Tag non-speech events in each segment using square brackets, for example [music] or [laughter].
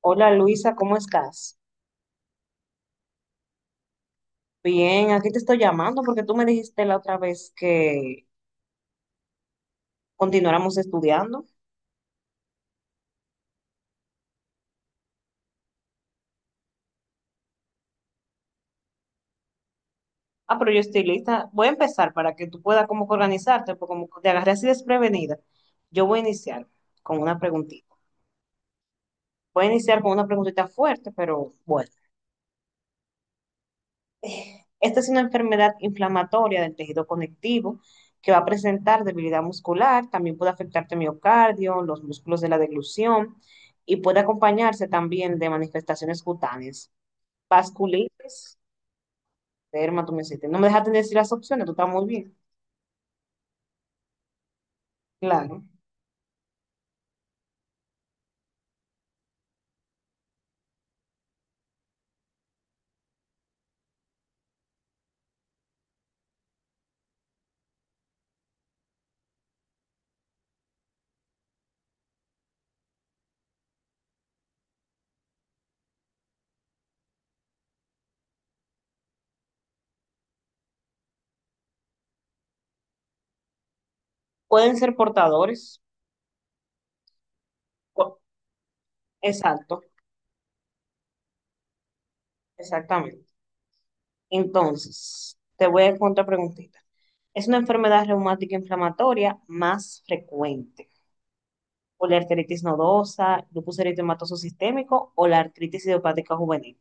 Hola Luisa, ¿cómo estás? Bien, aquí te estoy llamando porque tú me dijiste la otra vez que continuáramos estudiando. Ah, pero yo estoy lista. Voy a empezar para que tú puedas como que organizarte, porque como te agarré así desprevenida, yo voy a iniciar con una preguntita. Voy a iniciar con una preguntita fuerte, pero bueno. Esta es una enfermedad inflamatoria del tejido conectivo que va a presentar debilidad muscular, también puede afectarte miocardio, los músculos de la deglución y puede acompañarse también de manifestaciones cutáneas, vasculitis, dermatomiositis. No me dejaste decir las opciones, tú estás muy bien. Claro. Pueden ser portadores. Co- Exacto, exactamente. Entonces, te voy a hacer otra preguntita. Es una enfermedad reumática inflamatoria más frecuente, o la artritis nodosa, lupus eritematoso sistémico o la artritis idiopática juvenil.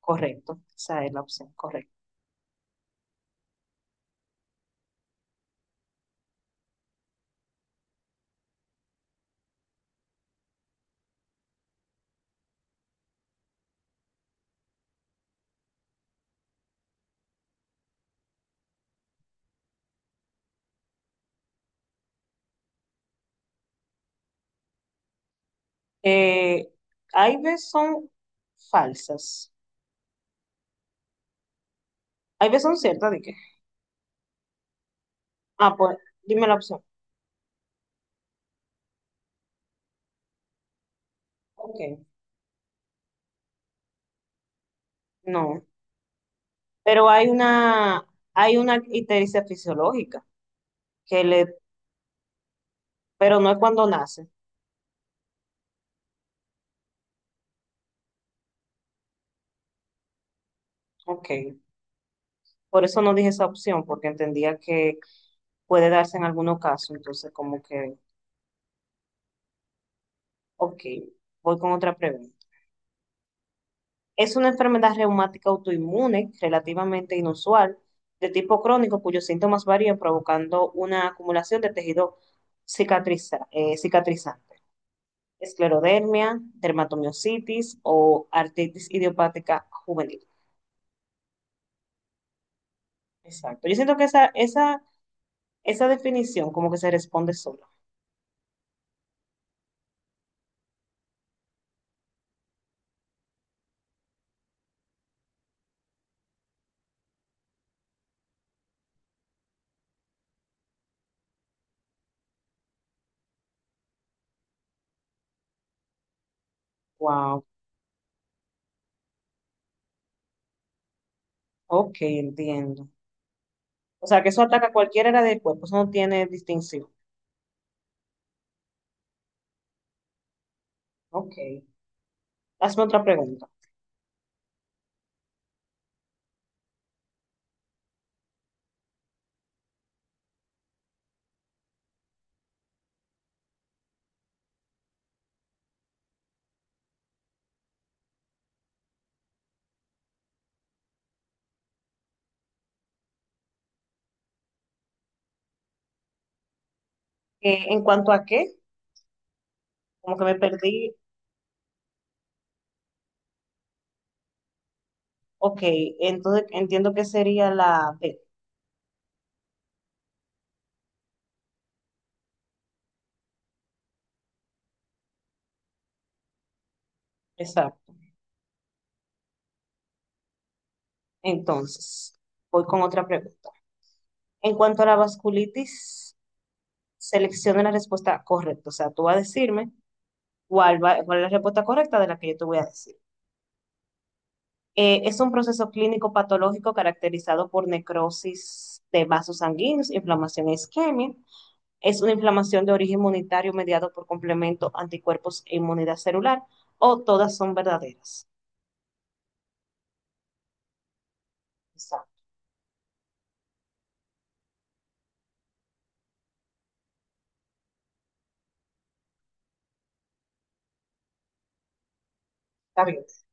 Correcto, esa es la opción correcta. Eh, Hay veces son falsas, hay veces son ciertas, ¿de qué? Ah, pues dime la opción. Ok, no, pero hay una ictericia fisiológica que le, pero no es cuando nace. Ok, por eso no dije esa opción, porque entendía que puede darse en algunos casos, entonces como que, ok, voy con otra pregunta. Es una enfermedad reumática autoinmune relativamente inusual, de tipo crónico, cuyos síntomas varían provocando una acumulación de tejido cicatrizante, esclerodermia, dermatomiositis o artritis idiopática juvenil. Exacto. Yo siento que esa definición como que se responde sola. Wow. Ok, entiendo. O sea, que eso ataca a cualquier área del cuerpo, eso no tiene distinción. Ok. Hazme otra pregunta. ¿En cuanto a qué? Como que me perdí. Ok, entonces entiendo que sería la B. Exacto. Entonces, voy con otra pregunta. En cuanto a la vasculitis, selecciona la respuesta correcta. O sea, tú vas a decirme cuál, va- cuál es la respuesta correcta de la que yo te voy a decir. Es un proceso clínico patológico caracterizado por necrosis de vasos sanguíneos, inflamación e isquemia. Es una inflamación de origen inmunitario mediado por complemento, anticuerpos e inmunidad celular, o todas son verdaderas. Exacto. Está bien. O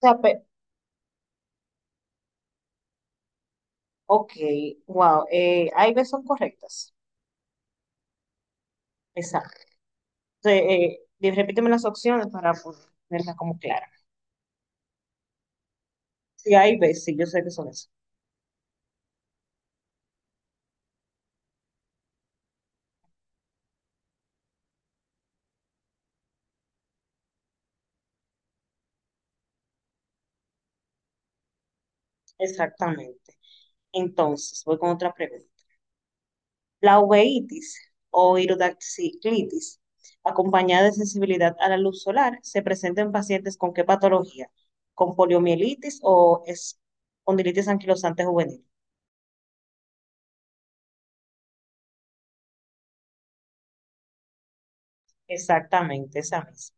sea, pe- Ok, wow. A y B son correctas. Exacto. Repíteme las opciones para ponerlas como claras. Sí, A y B, sí, yo sé que son eso. Exactamente. Entonces, voy con otra pregunta. La uveitis o iridociclitis, acompañada de sensibilidad a la luz solar, ¿se presenta en pacientes con qué patología? ¿Con poliomielitis o espondilitis anquilosante juvenil? Exactamente, esa misma.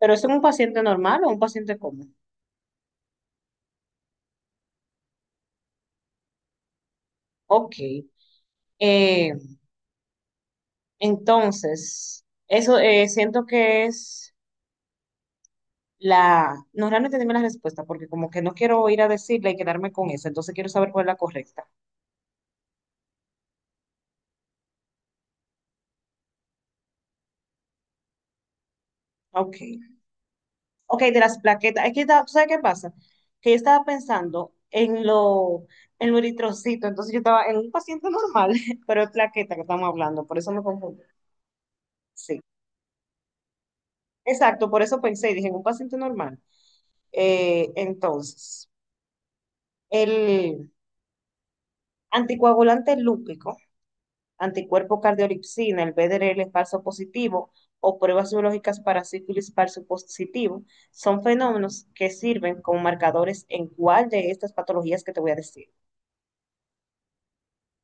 ¿Pero es un paciente normal o un paciente común? Ok. Eh, Entonces, eso, siento que es la... No, realmente dime la respuesta, porque como que no quiero ir a decirla y quedarme con esa, entonces quiero saber cuál es la correcta. Ok. Ok, de las plaquetas. Es que, ta- ¿tú sabes qué pasa? Que yo estaba pensando en lo eritrocito, entonces yo estaba en un paciente normal, [laughs] pero es plaqueta que estamos hablando, por eso me confundí. Sí, exacto, por eso pensé y dije, en un paciente normal. Entonces, el anticoagulante lúpico anticuerpo cardiolipsina, el BDRL falso positivo o pruebas biológicas para sífilis falso positivo, son fenómenos que sirven como marcadores en cuál de estas patologías que te voy a decir.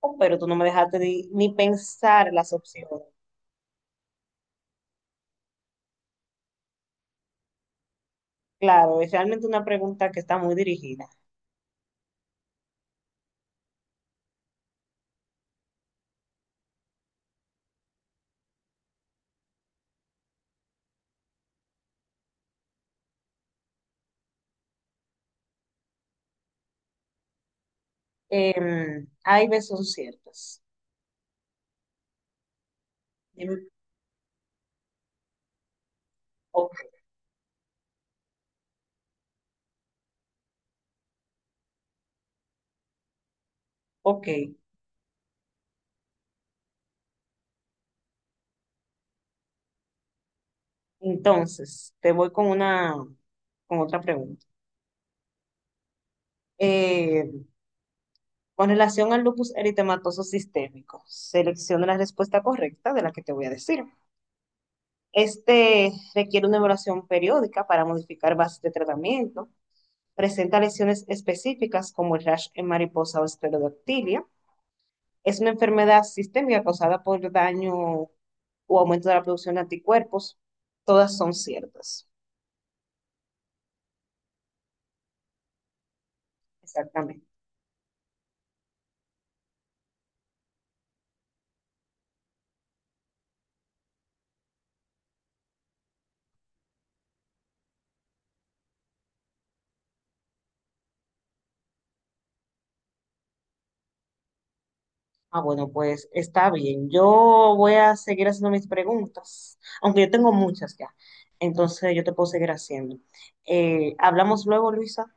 Oh, pero tú no me dejaste ni pensar las opciones. Claro, es realmente una pregunta que está muy dirigida. Hay veces son ciertas. Em, ok, ok, entonces te voy con otra pregunta. Eh, Con relación al lupus eritematoso sistémico, selecciona la respuesta correcta de la que te voy a decir. Este requiere una evaluación periódica para modificar bases de tratamiento. Presenta lesiones específicas como el rash en mariposa o esclerodactilia. Es una enfermedad sistémica causada por daño o aumento de la producción de anticuerpos. Todas son ciertas. Exactamente. Ah, bueno, pues está bien. Yo voy a seguir haciendo mis preguntas, aunque yo tengo muchas ya. Entonces yo te puedo seguir haciendo. Hablamos luego, Luisa.